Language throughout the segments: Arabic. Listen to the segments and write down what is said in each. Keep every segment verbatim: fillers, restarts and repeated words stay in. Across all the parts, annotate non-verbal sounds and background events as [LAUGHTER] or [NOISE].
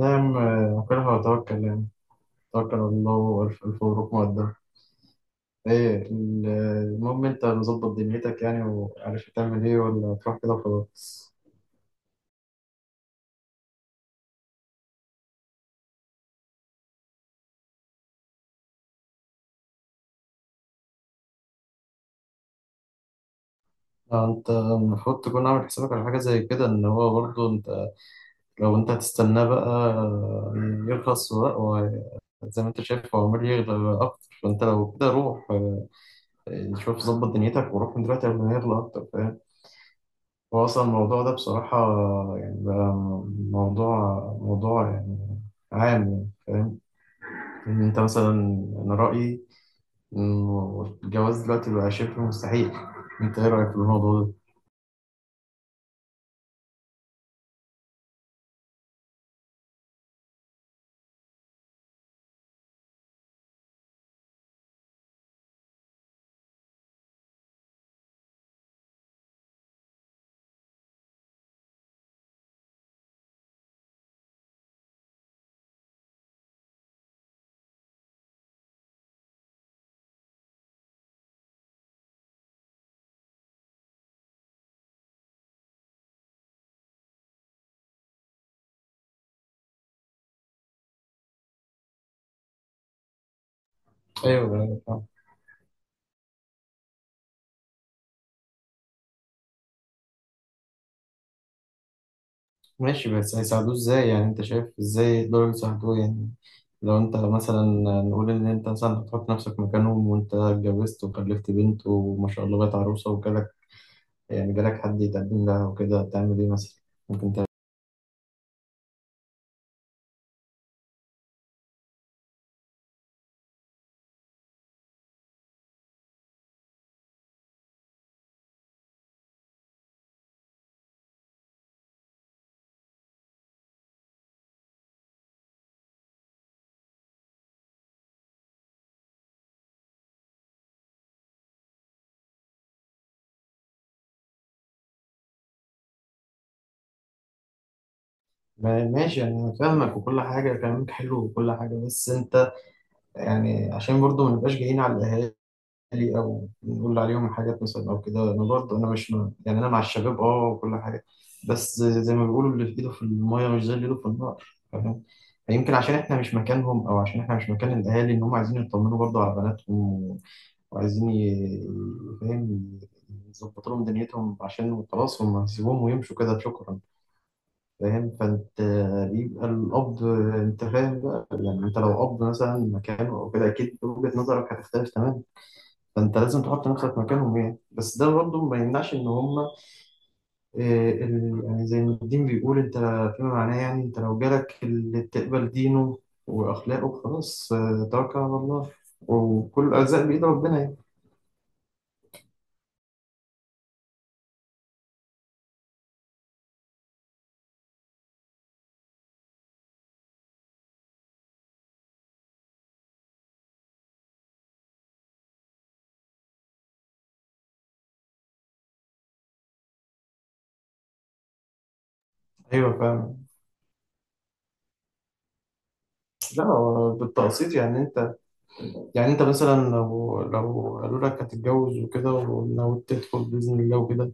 نعم، آه، كلها وتوكل يعني. توكل على الله وألف ألف مبروك مقدم. إيه ال- المهم أنت مظبط دنيتك يعني وعارف تعمل إيه، ولا تروح كده وخلاص؟ آه، أنت المفروض تكون عامل حسابك على حاجة زي كده، إن هو برضه أنت لو أنت هتستناه بقى آه، يرخص بقى وه- زي ما أنت شايف هو عمال يغلى أكتر. فأنت لو كده روح، آه، شوف ظبط دنيتك وروح من دلوقتي قبل ما يغلى أكتر، فاهم؟ هو أصلا الموضوع ده بصراحة يعني بقى موضوع موضوع يعني عام، يعني فاهم؟ إن أنت مثلا، أنا رأيي إنه الجواز دلوقتي بقى شبه مستحيل. أنت إيه رأيك في الموضوع ده؟ ايوه، أيوة، فاهم. ماشي، بس هيساعدوه إزاي يعني؟ أنت شايف إزاي يقدروا يساعدوه يعني؟ لو أنت مثلا، نقول إن أنت مثلا هتحط نفسك مكانهم، وأنت اتجوزت وخلفت بنت وما شاء الله بقت عروسة وجالك، يعني جالك حد يتقدم لها وكده، هتعمل إيه مثلا؟ ممكن تعمل ما- ماشي، انا فاهمك وكل حاجه، كلامك حلو وكل حاجه، بس انت يعني عشان برضو ما نبقاش جايين على الاهالي او نقول عليهم حاجات مثلا او كده. انا برضو انا مش م- يعني انا مع الشباب اه وكل حاجه، بس زي ما بيقولوا اللي في ايده في الميه مش زي اللي ايده في النار، فاهم؟ يمكن عشان احنا مش مكانهم، او عشان احنا مش مكان الاهالي، ان هم عايزين يطمنوا برضو على بناتهم وعايزين ي- فاهم، يظبطوا لهم دنيتهم، عشان خلاص هم هيسيبوهم ويمشوا كده شكرا، فاهم؟ فانت بيبقى القبض، انت فاهم بقى يعني، انت لو قبض مثلا مكانه او كده، اكيد وجهة نظرك هتختلف تماما. فانت لازم تحط نفسك مكانهم يعني، بس ده برضه ما يمنعش ان هم يعني زي ما الدين بيقول، انت فيما معناه يعني، انت لو جالك اللي تقبل دينه واخلاقه، خلاص، آه، توكل على الله، وكل الارزاق بايد ربنا يعني. ايوه فاهم. لا هو بالتقسيط يعني انت، يعني انت مثلا لو لو قالوا لك هتتجوز وكده، وناوي تدخل بإذن الله وكده،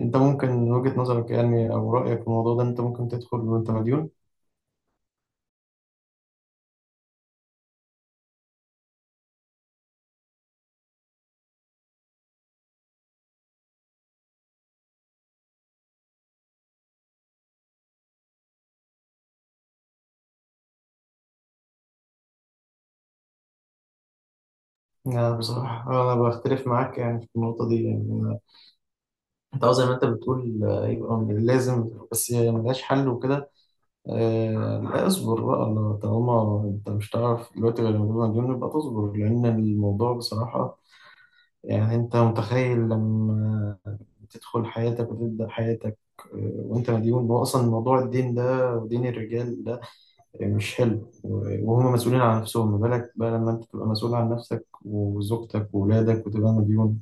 انت ممكن من وجهة نظرك يعني او رأيك في الموضوع ده، انت ممكن تدخل وانت مديون؟ انا بصراحة انا بختلف معاك يعني في النقطة دي يعني. انت اه زي ما انت بتقول آه، يبقى من لازم بس هي ملهاش حل وكده، آه، لا اصبر بقى. لو طالما انت مش هتعرف دلوقتي غير لما تبقى مديون، يبقى تصبر، لان الموضوع بصراحة يعني، انت متخيل لما تدخل حياتك وتبدأ حياتك آه، وانت مديون؟ هو اصلا موضوع الدين ده ودين الرجال ده مش حلو، وهم مسؤولين عن نفسهم، ما بالك بقى لما انت تبقى مسؤول عن نفسك وزوجتك وولادك وتبقى مديون؟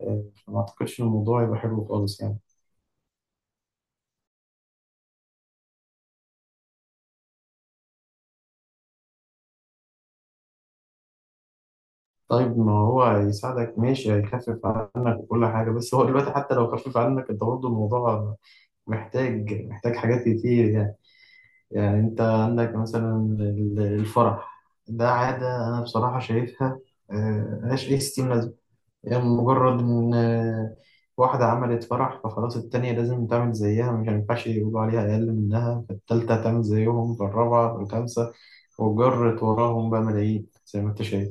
آه، فما اعتقدش ان الموضوع يبقى حلو خالص يعني. طيب ما هو هيساعدك، ماشي، هيخفف عنك وكل حاجة، بس هو دلوقتي حتى لو خفف عنك انت برضه الموضوع محتاج محتاج حاجات كتير يعني. يعني انت عندك مثلا ال- الفرح ده عادة انا بصراحة شايفها آه، ملهاش اي ستين لازمة. يعني مجرد ان آه، واحدة عملت فرح فخلاص التانية لازم تعمل زيها، مش هينفعش يقولوا عليها اقل منها، فالتالتة هتعمل زيهم، فالرابعة، فالخامسة، وجرت وراهم بقى ملايين زي ما انت شايف،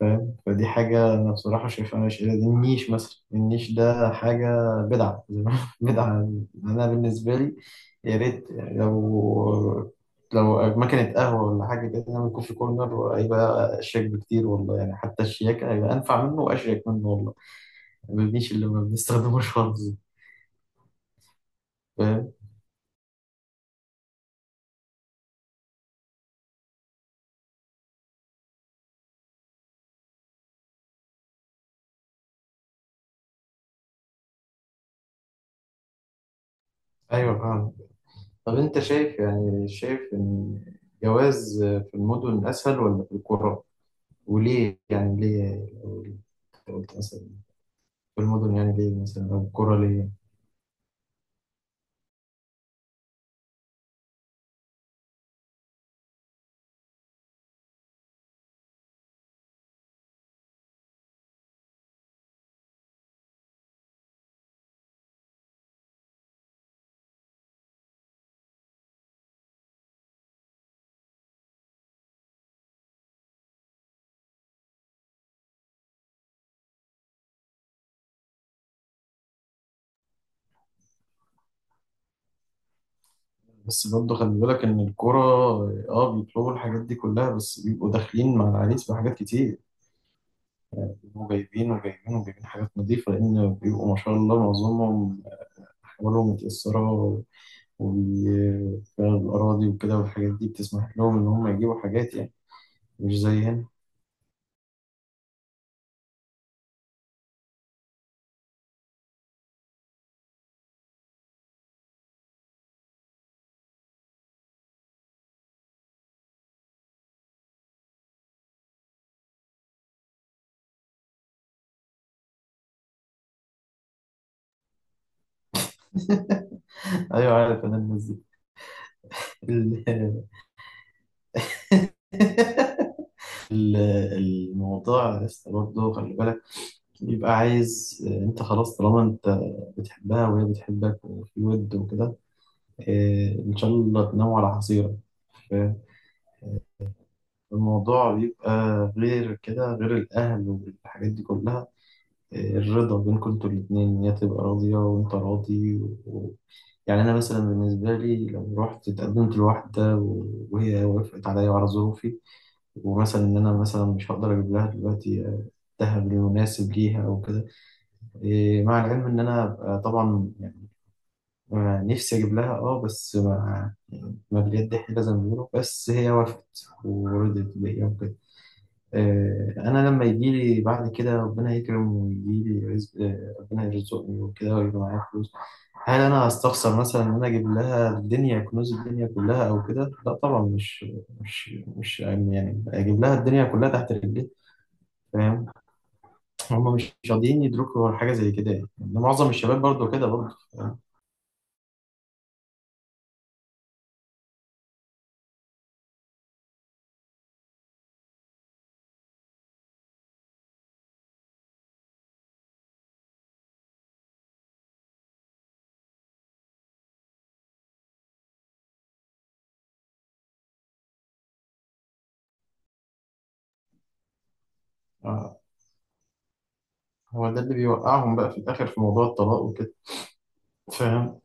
فاهم؟ فدي حاجة أنا بصراحة شايفها مش دي. النيش مثلا، النيش ده حاجة بدعة، زي ما- [LAUGHS] بدعة. أنا بالنسبة لي، يا ريت يعني لو، لو مكنة قهوة ولا حاجة كده نعمل كوفي كورنر، هيبقى أشيك بكتير والله يعني، حتى الشياكة هيبقى أنفع منه وأشيك منه والله، ما النيش اللي ما بنستخدموش [LAUGHS] خالص ده. فاهم. أيوة فاهم. طب أنت شايف يعني، شايف إن جواز في المدن أسهل ولا في القرى؟ وليه يعني؟ ليه لو قلت مثلا المدن يعني، ليه مثلا، او الكرة ليه؟ بس برضه خلي بالك ان الكرة اه بيطلبوا الحاجات دي كلها، بس بيبقوا داخلين مع العريس بحاجات كتير. بيبقوا جايبين وجايبين وجايبين حاجات نظيفة، لان بيبقوا ما شاء الله معظمهم احوالهم متأثرة، والأراضي وكده والحاجات دي بتسمح لهم إن هم يجيبوا حاجات يعني، مش زي هنا. أيوة عارف أنا الناس دي. ال- [LAUGHS] ال- الموضوع لسه برضه خلي بالك، يبقى عايز آه، انت خلاص طالما انت بتحبها وهي بتحبك وفي ود وكده، آه، ان شاء الله تناموا على حصيرة. الموضوع بيبقى غير كده، غير الأهل والحاجات دي كلها، آه، الرضا بينكم انتوا الاتنين، إن هي تبقى راضية وأنت راضي و... يعني أنا مثلا بالنسبة لي، لو رحت اتقدمت لواحدة و- وهي وافقت عليا وعلى ظروفي، ومثلا إن أنا مثلا مش هقدر أجيب لها دلوقتي آه، الذهب المناسب ليها أو كده، إيه، مع العلم ان انا آه، طبعا يعني آه، نفسي اجيب لها اه، بس ما يعني ما باليد حيلة زي ما بيقولوا، بس هي وافقت ورضيت بيا وكده، آه، انا لما يجي لي بعد كده ربنا يكرم ويجي لي رزق، آه، ربنا يرزقني وكده ويبقى معايا فلوس، هل انا هستخسر مثلا ان انا اجيب لها الدنيا، كنوز الدنيا كلها او كده؟ لا طبعا، مش مش مش يعني اجيب لها الدنيا كلها تحت رجلي، فاهم؟ هم مش راضيين يدركوا حاجه زي كده يعني، معظم الشباب برضو كده برضو. آه، هو ده اللي بيوقعهم بقى في الآخر في موضوع الطلاق وكده، فاهم؟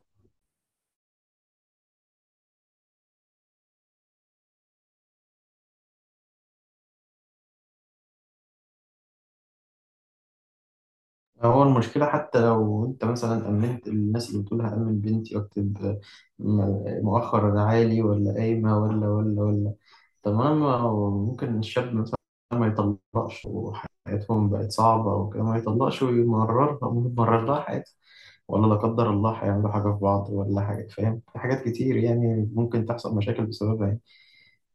هو المشكلة حتى لو أنت مثلا أمنت الناس، اللي بتقول هأمن بنتي وأكتب م- مؤخر عالي ولا قايمة ولا ولا ولا، طب ما ما هو ممكن الشاب مثلا ما يطلقش وحياتهم بقت صعبة وكده، ما يطلقش ويمررها ويمرر لها حياتها، ولا لا قدر الله هيعملوا حاجة في بعض ولا حاجة، فاهم؟ في حاجات كتير يعني ممكن تحصل مشاكل بسببها.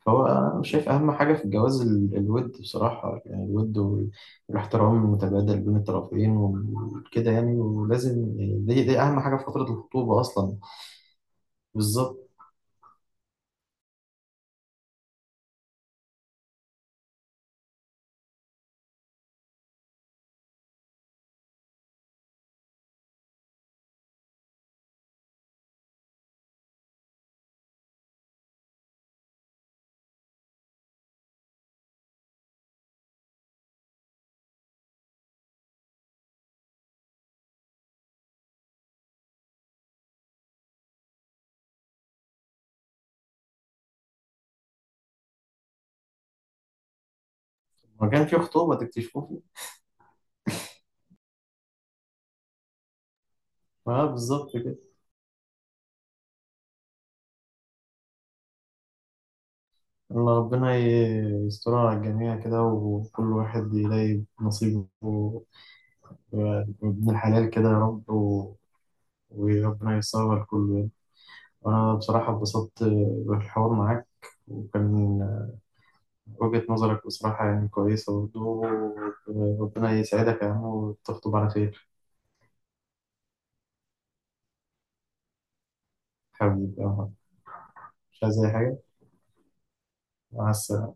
هو أنا شايف أهم حاجة في الجواز ال- الود بصراحة يعني، الود وال- والاحترام المتبادل بين الطرفين وكده يعني، ولازم يعني، دي, دي أهم حاجة في فترة الخطوبة أصلا. بالظبط. ما كان في خطوبة تكتشفوه. اه بالظبط كده. الله ربنا ي- يسترها على الجميع كده، وكل واحد يلاقي نصيبه من الحلال كده يا رب، و- وربنا ييسرها لكله يعني. وأنا بصراحة اتبسطت بالحوار معاك، وكان وجهة نظرك بصراحة يعني كويسة برضه. ربنا يسعدك يا عم وتخطب على خير. حبيبي يا عم، مش عايز أي حاجة. مع السلامة.